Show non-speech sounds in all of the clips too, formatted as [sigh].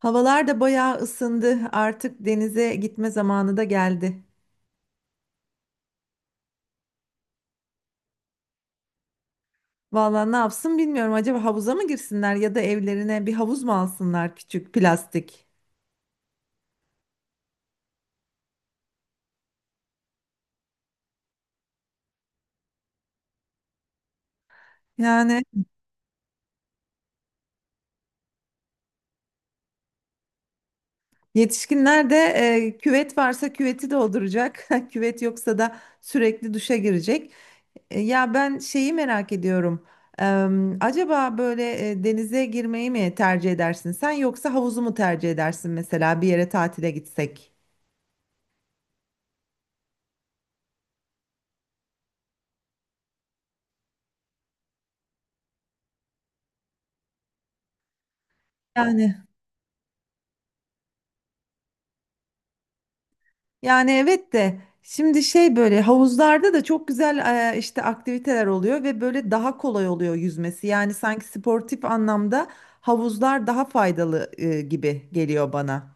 Havalar da bayağı ısındı. Artık denize gitme zamanı da geldi. Vallahi ne yapsın bilmiyorum. Acaba havuza mı girsinler ya da evlerine bir havuz mu alsınlar küçük plastik? Yani yetişkinler de küvet varsa küveti dolduracak. [laughs] Küvet yoksa da sürekli duşa girecek. Ya ben şeyi merak ediyorum. Acaba böyle denize girmeyi mi tercih edersin sen yoksa havuzu mu tercih edersin mesela bir yere tatile gitsek? Yani. Yani evet de şimdi şey böyle havuzlarda da çok güzel işte aktiviteler oluyor ve böyle daha kolay oluyor yüzmesi. Yani sanki sportif anlamda havuzlar daha faydalı gibi geliyor bana.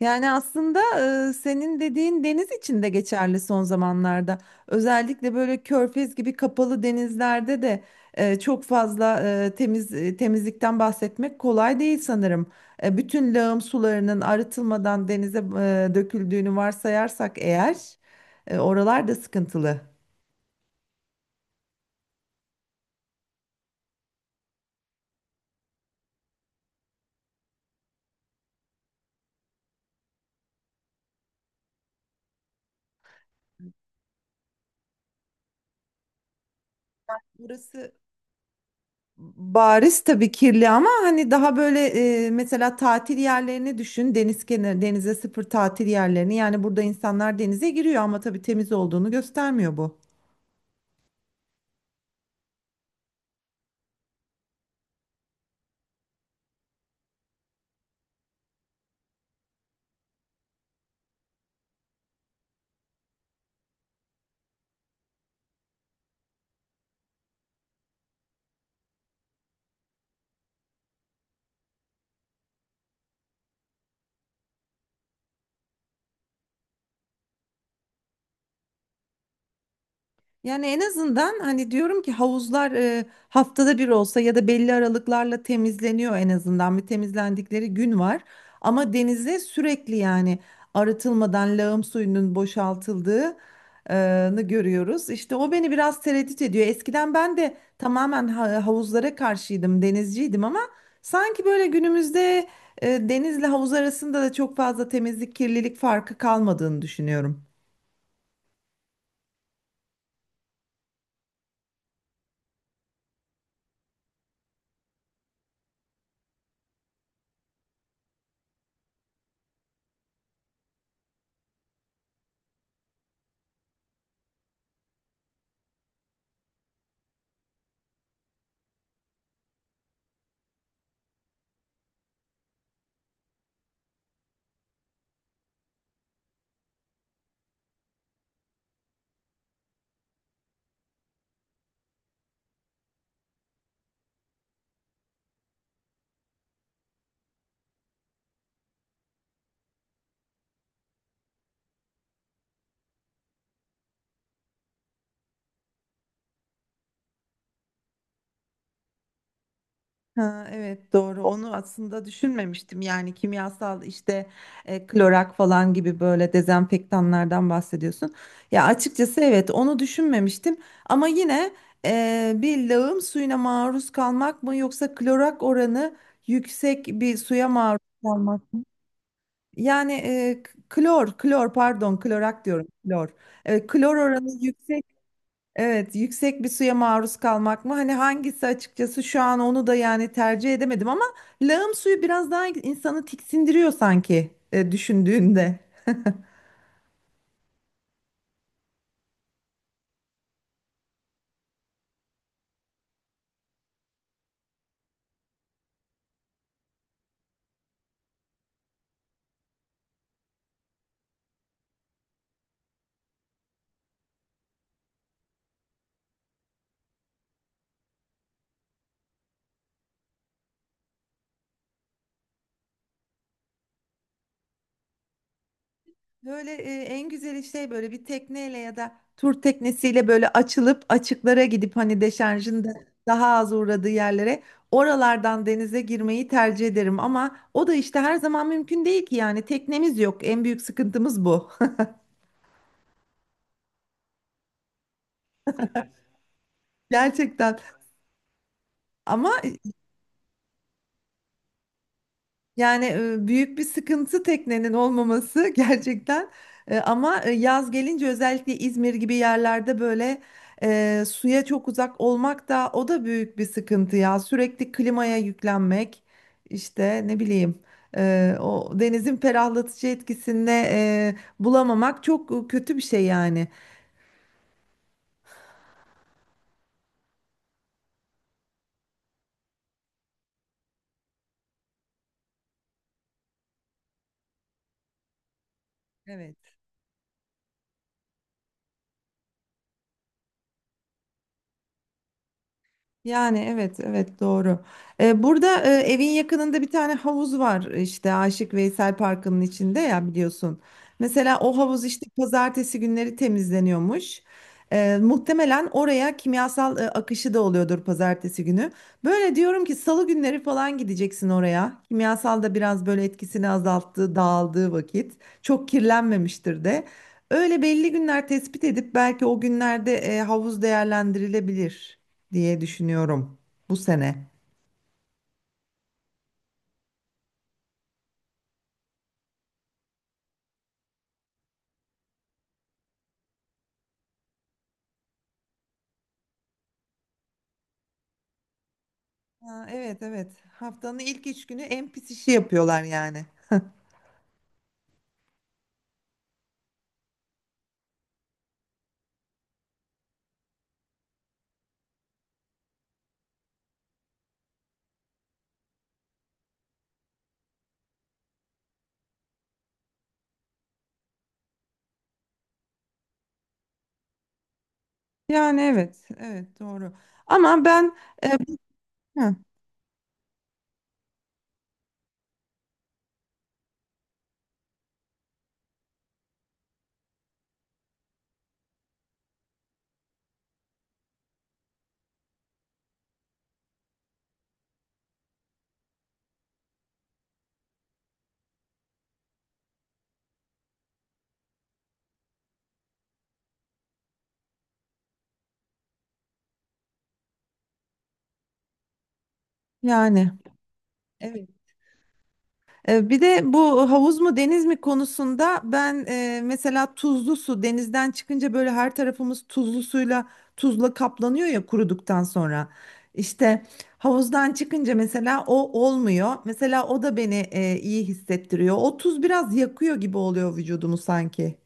Yani aslında senin dediğin deniz için de geçerli son zamanlarda. Özellikle böyle körfez gibi kapalı denizlerde de çok fazla temizlikten bahsetmek kolay değil sanırım. Bütün lağım sularının arıtılmadan denize döküldüğünü varsayarsak eğer oralar da sıkıntılı. Burası bariz tabii kirli ama hani daha böyle mesela tatil yerlerini düşün. Deniz kenarı, denize sıfır tatil yerlerini. Yani burada insanlar denize giriyor ama tabii temiz olduğunu göstermiyor bu. Yani en azından hani diyorum ki havuzlar haftada bir olsa ya da belli aralıklarla temizleniyor, en azından bir temizlendikleri gün var. Ama denize sürekli yani arıtılmadan lağım suyunun boşaltıldığını görüyoruz. İşte o beni biraz tereddüt ediyor. Eskiden ben de tamamen havuzlara karşıydım, denizciydim ama sanki böyle günümüzde denizle havuz arasında da çok fazla temizlik, kirlilik farkı kalmadığını düşünüyorum. Ha, evet doğru, onu aslında düşünmemiştim, yani kimyasal işte klorak falan gibi böyle dezenfektanlardan bahsediyorsun. Ya açıkçası evet onu düşünmemiştim ama yine bir lağım suyuna maruz kalmak mı yoksa klorak oranı yüksek bir suya maruz kalmak mı? Yani klor pardon, klorak diyorum, klor. Klor oranı yüksek. Evet, yüksek bir suya maruz kalmak mı? Hani hangisi açıkçası şu an onu da yani tercih edemedim, ama lağım suyu biraz daha insanı tiksindiriyor sanki düşündüğünde. Böyle en güzeli şey böyle bir tekneyle ya da tur teknesiyle böyle açılıp açıklara gidip hani deşarjın da daha az uğradığı yerlere, oralardan denize girmeyi tercih ederim, ama o da işte her zaman mümkün değil ki, yani teknemiz yok. En büyük sıkıntımız bu. [laughs] Gerçekten. Ama yani büyük bir sıkıntı teknenin olmaması [laughs] gerçekten. Ama yaz gelince özellikle İzmir gibi yerlerde böyle suya çok uzak olmak da, o da büyük bir sıkıntı ya. Sürekli klimaya yüklenmek, işte ne bileyim, o denizin ferahlatıcı etkisini bulamamak çok kötü bir şey yani. Evet. Yani evet, evet doğru. Burada evin yakınında bir tane havuz var işte Aşık Veysel Parkı'nın içinde, ya biliyorsun. Mesela o havuz işte pazartesi günleri temizleniyormuş. Muhtemelen oraya kimyasal akışı da oluyordur pazartesi günü. Böyle diyorum ki salı günleri falan gideceksin oraya. Kimyasal da biraz böyle etkisini azalttığı, dağıldığı vakit. Çok kirlenmemiştir de. Öyle belli günler tespit edip belki o günlerde havuz değerlendirilebilir diye düşünüyorum bu sene. Ha, evet evet. Haftanın ilk üç günü en pis işi yapıyorlar yani. Yani evet, evet doğru. Ama ben e, hı, yani. Evet. Bir de bu havuz mu deniz mi konusunda ben mesela tuzlu su denizden çıkınca böyle her tarafımız tuzlu suyla, tuzla kaplanıyor ya kuruduktan sonra. İşte havuzdan çıkınca mesela o olmuyor. Mesela o da beni iyi hissettiriyor. O tuz biraz yakıyor gibi oluyor vücudumu sanki.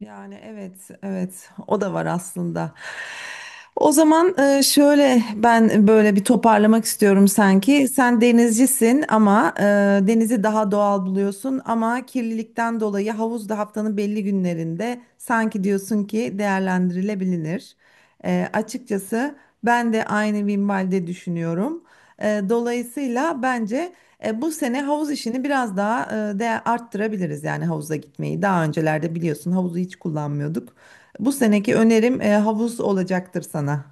Yani evet, evet o da var aslında. O zaman şöyle ben böyle bir toparlamak istiyorum sanki. Sen denizcisin ama denizi daha doğal buluyorsun, ama kirlilikten dolayı havuz da haftanın belli günlerinde sanki diyorsun ki değerlendirilebilir. Açıkçası ben de aynı minvalde düşünüyorum. Dolayısıyla bence. Bu sene havuz işini biraz daha de arttırabiliriz, yani havuza gitmeyi. Daha öncelerde biliyorsun havuzu hiç kullanmıyorduk. Bu seneki önerim havuz olacaktır sana.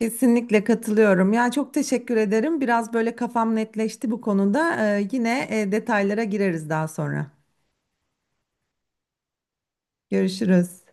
Kesinlikle katılıyorum. Ya çok teşekkür ederim. Biraz böyle kafam netleşti bu konuda. Yine detaylara gireriz daha sonra. Görüşürüz.